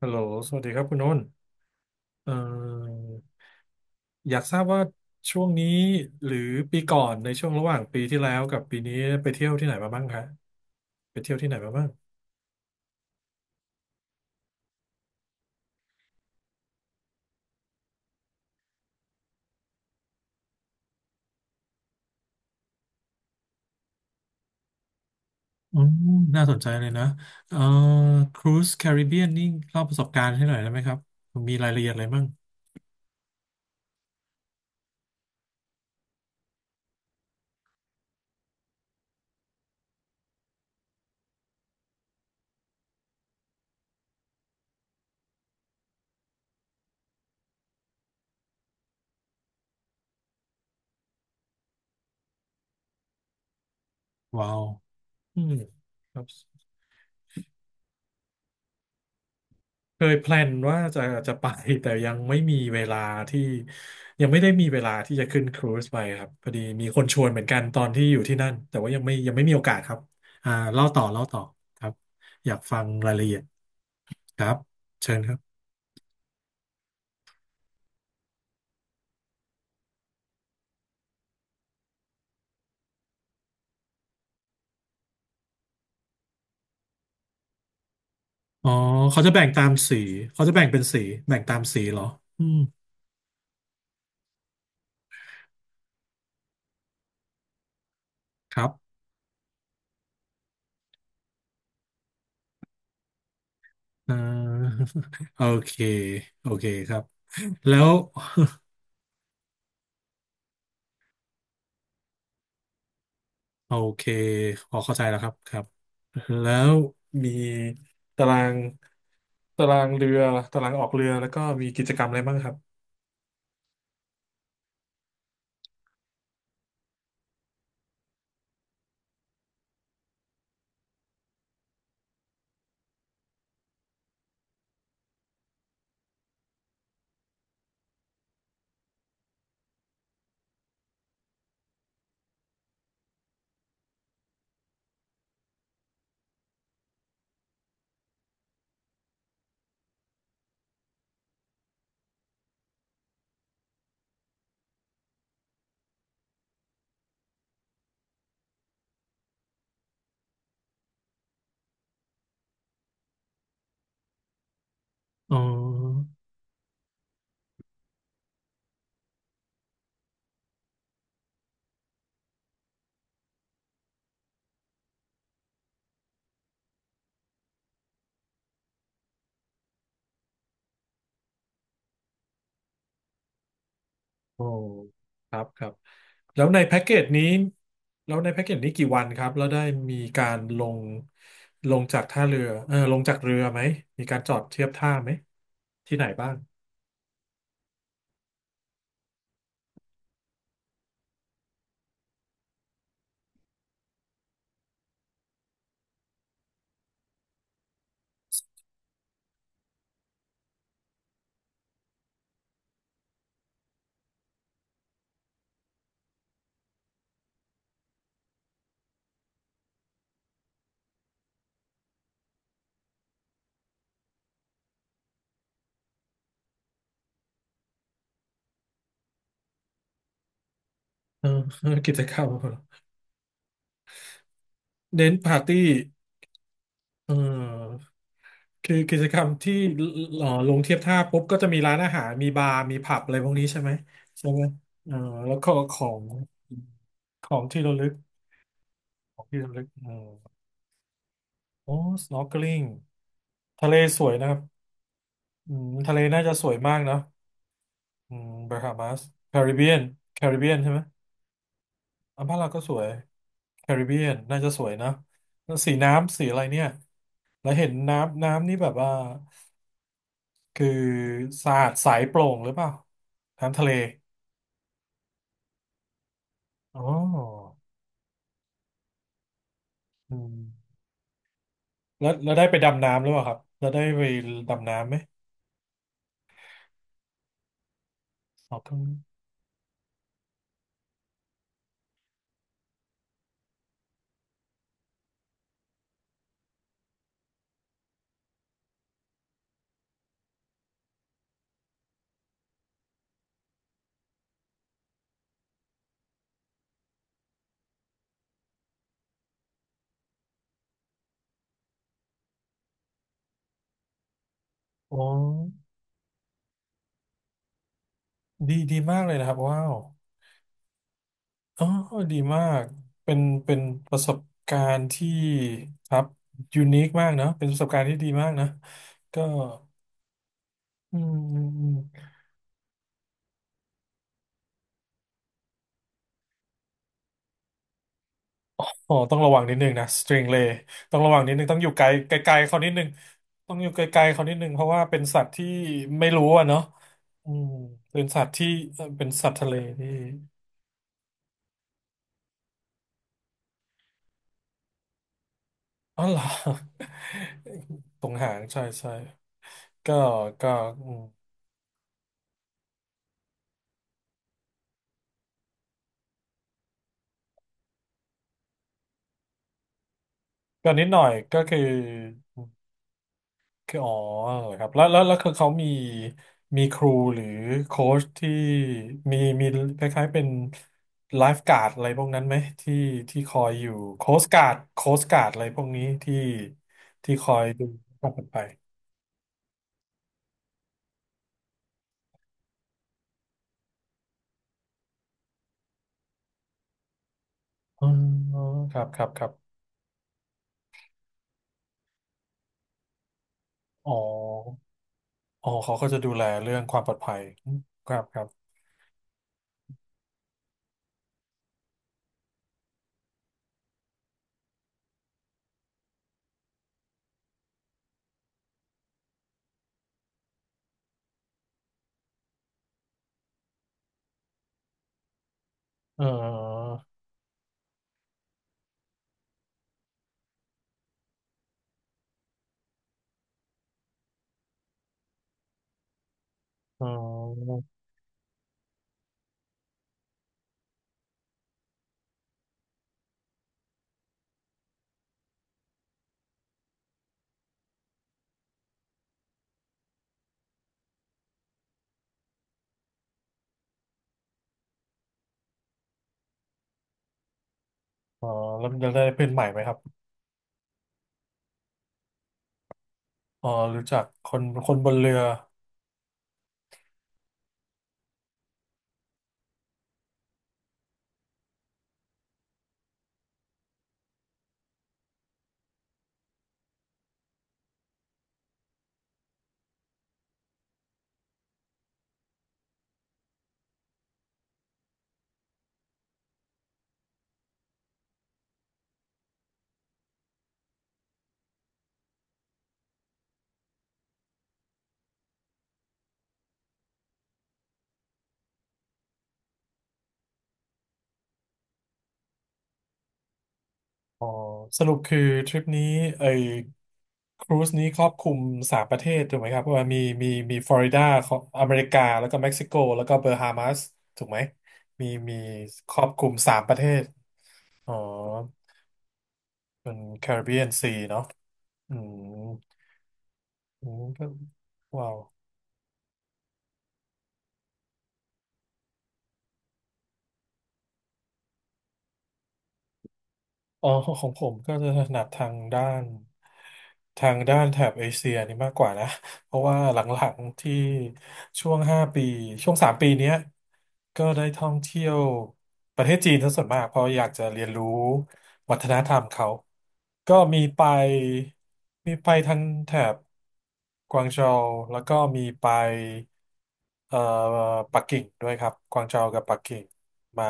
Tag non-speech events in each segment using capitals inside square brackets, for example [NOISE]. ฮัลโหลสวัสดีครับคุณโน้นเอ่ออยากทราบว่าช่วงนี้หรือปีก่อนในช่วงระหว่างปีที่แล้วกับปีนี้ไปเที่ยวที่ไหนมาบ้างคะไปเที่ยวที่ไหนมาบ้างอืมน่าสนใจเลยนะเอ่อครูซแคริบเบียนนี่เล่าประสบการณ์ให้หน่อยได้ไหมครับ มีรายละเอียดอะไรบ้าง ว้าวอืมครับ เคยแพลนว่าจะไป [LAUGHS] แต่ยังไม่มีเวลาที่ยังไม่ได้มีเวลาที่จะขึ้นครูซไปครับพอดีมีคนชวนเหมือนกันตอนที่อยู่ที่นั่นแต่ว่ายังไม่มีโอกาสครับเล่าต่อเล่าต่อครับอยากฟังรายละเอียดครับเชิญครับอ๋อเขาจะแบ่งตามสีเขาจะแบ่งเป็นสีแบ่งตามสีเหรออืมครับอ่า [LAUGHS] โอเคโอเคครับแล้ว โอเคพอเข้าใจแล้วครับครับแล้วมีตารางตารางเรือตารางออกเรือแล้วก็มีกิจกรรมอะไรบ้างครับอ๋อโอ้ครับครับแล้วในแพ็กเกจนี้แล้วในแพ็กเกจนี้กี่วันครับแล้วได้มีการลงจากท่าเรือลงจากเรือไหมมีการจอดเทียบท่าไหมที่ไหนบ้างเออ [LAUGHS] กิจกรรมเน้นปาร์ตี้เออ คือกิจกรรมที่ลงเทียบท่าปุ๊บก็จะมีร้านอาหารมีบาร์มีผับอะไรพวกนี้ใช่ไหมใช่ไหมเอ่อแล้วก็ของที่ระลึกของที่ระลึกโอ้ snorkeling ทะเลสวยนะครับอืมทะเลน่าจะสวยมากเนอะอืมบาฮามาสแคริบเบียนแคริบเบียนใช่ไหมอ่ะบ้านเราก็สวยแคริบเบียนน่าจะสวยนะแล้วสีน้ำสีอะไรเนี่ยแล้วเห็นน้ำน้ำนี่แบบว่าคือสะอาดใสโปร่งหรือเปล่าน้ำทะเล อ๋ออืมแล้วได้ไปดำน้ำหรือเปล่าครับแล้วได้ไปดำน้ำไหมอ๋อเพิ่งอ๋อดีดีมากเลยนะครับว้าวอ๋อดีมากเป็นประสบการณ์ที่ครับยูนิคมากเนอะเป็นประสบการณ์ที่ดีมากนะก็อืมอืมอืมอ๋อต้องระวังนิดนึงนะสตริงเลย์ต้องระวังนิดนึงต้องอยู่ไกลไกลๆเขานิดนึงต้องอยู่ไกลๆเขานิดนึงเพราะว่าเป็นสัตว์ที่ไม่รู้อะเนาะอืมเป็นสัตว์ที่เป็นสัตว์ทะเลที่ อ๋อเหรอ [LAUGHS] ตรงหางใช่ใช่ก็ก็อืมก็นิดหน่อยก็คืออ๋อเหรอครับแล้วคือเขามีครูหรือโค้ชที่มีคล้ายๆเป็นไลฟ์การ์ดอะไรพวกนั้นไหมที่ที่คอยอยู่โค้ชการ์ดโค้ชการ์ดอะไรพวกนี้ที่คอยดูความปลอดภัยอ๋อครับครับครับอ๋ออ๋อเขาก็จะดูแลเรื่องความปลอดภัยครับครับเออ อ๋ออ๋อแล้วจะได้เพื่อนใหม่ไหมครับอ๋อรู้จักคนบนเรืออ๋อสรุปคือทริปนี้ไอ้ครูซนี้ครอบคลุมสามประเทศถูกไหมครับว่ามีฟลอริดาของอเมริกาแล้วก็เม็กซิโกแล้วก็เบอร์ฮามาสถูกไหม มีครอบคลุมสามประเทศอ๋อเป็นแคริบเบียนซีเนาะอืมอืมก็ว้าว อ๋อของผมก็จะถนัดทางด้านแถบเอเชียนี่มากกว่านะเพราะว่าหลังๆที่ช่วง5 ปีช่วง3 ปีเนี้ยก็ได้ท่องเที่ยวประเทศจีนซะส่วนมากเพราะอยากจะเรียนรู้วัฒนธรรมเขาก็มีไปทางแถบกวางโจวแล้วก็มีไปเอ่อปักกิ่งด้วยครับกวางโจวกับปักกิ่งมา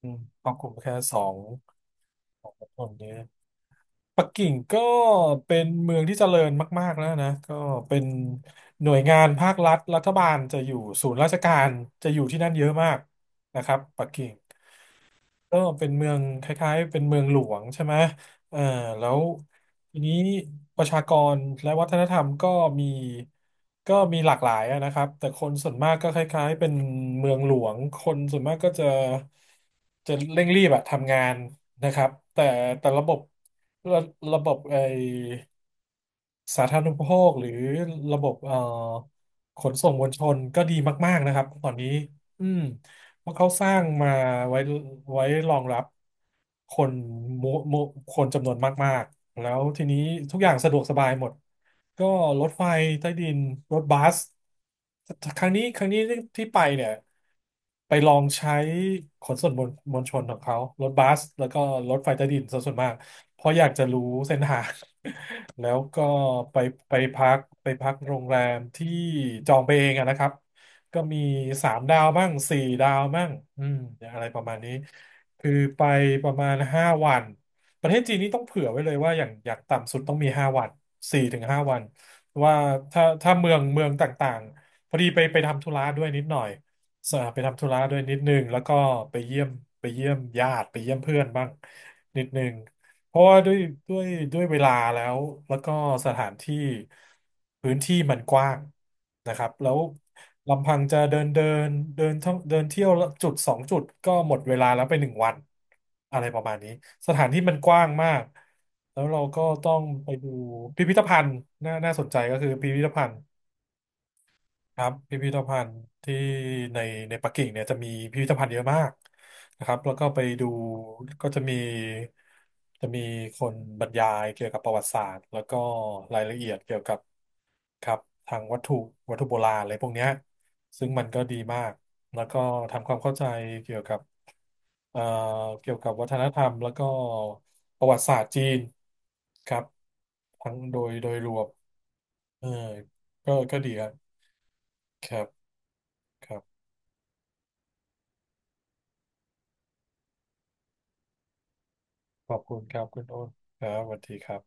อืมของกลุ่มแค่สองของคนเนี้ยปักกิ่งก็เป็นเมืองที่เจริญมากๆแล้วนะก็เป็นหน่วยงานภาครัฐรัฐบาลจะอยู่ศูนย์ราชการจะอยู่ที่นั่นเยอะมากนะครับปักกิ่ง ก็เป็นเมืองคล้ายๆเป็นเมืองหลวงใช่ไหมเอ่าแล้วทีนี้ประชากรและวัฒนธรรมมีก็มีหลากหลายอะนะครับแต่คนส่วนมากก็คล้ายๆเป็นเมืองหลวงคนส่วนมากก็จะเร่งรีบอะทำงานนะครับแต่ระบบระระบบไอ สาธารณูปโภคหรือระบบขนส่งมวลชนก็ดีมากๆนะครับตอนนี้อืมเพราะเขาสร้างมาไว้ไว้รองรับคนมุมุคนจำนวนมากๆแล้วทีนี้ทุกอย่างสะดวกสบายหมด ก็รถไฟใต้ดินรถบัสครั้งนี้ที่ไปเนี่ยไปลองใช้ขนส่งมวลชนของเขารถบัสแล้วก็รถไฟใต้ดินซะส่วนมากเพราะอยากจะรู้เส้นทาง [LAUGHS] แล้วก็ไปไปพักโรงแรมที่จองไปเองอะนะครับก็มี3 ดาวบ้าง4 ดาวบ้างอืมอะไรประมาณนี้คือไปประมาณห้าวัน ประเทศจีนนี่ต้องเผื่อไว้เลยว่าอย่างต่ำสุดต้องมีห้าวัน4 ถึง 5 วันว่าถ้าเมืองต่างๆพอดีไปทำธุระด้วยนิดหน่อยสไปทำธุระด้วยนิดนึงแล้วก็ไปเยี่ยมไปเยี่ยมญาติไปเยี่ยมเพื่อนบ้างนิดนึง เพราะว่าด้วยด้วยเวลาแล้ว แล้วก็สถานที่พื้นที่มันกว้างนะครับแล้วลำพังจะเดินเดินเดินท่องเดินเที่ยวละจุดสองจุดก็หมดเวลาแล้วไปหนึ่งวันอะไรประมาณนี้สถานที่มันกว้างมากแล้วเราก็ต้องไปดูพิพิธภัณฑ์น่าสนใจก็คือพิพิธภัณฑ์ ครับพิพิธภัณฑ์ที่ในในปักกิ่งเนี่ยจะมีพิพิธภัณฑ์เยอะมากนะครับแล้วก็ไปดูก็จะมีคนบรรยายเกี่ยวกับประวัติศาสตร์แล้วก็รายละเอียดเกี่ยวกับครับทางวัตถุโบราณอะไรพวกเนี้ยซึ่งมันก็ดีมากแล้วก็ทำความเข้าใจเกี่ยวกับเอ่อเกี่ยวกับวัฒนธรรมแล้วก็ประวัติศาสตร์จีนครับทั้งโดยรวมเออก็ดีครับครับ ขอบคุณครับคุณโอ้นครับสวัสดีครับ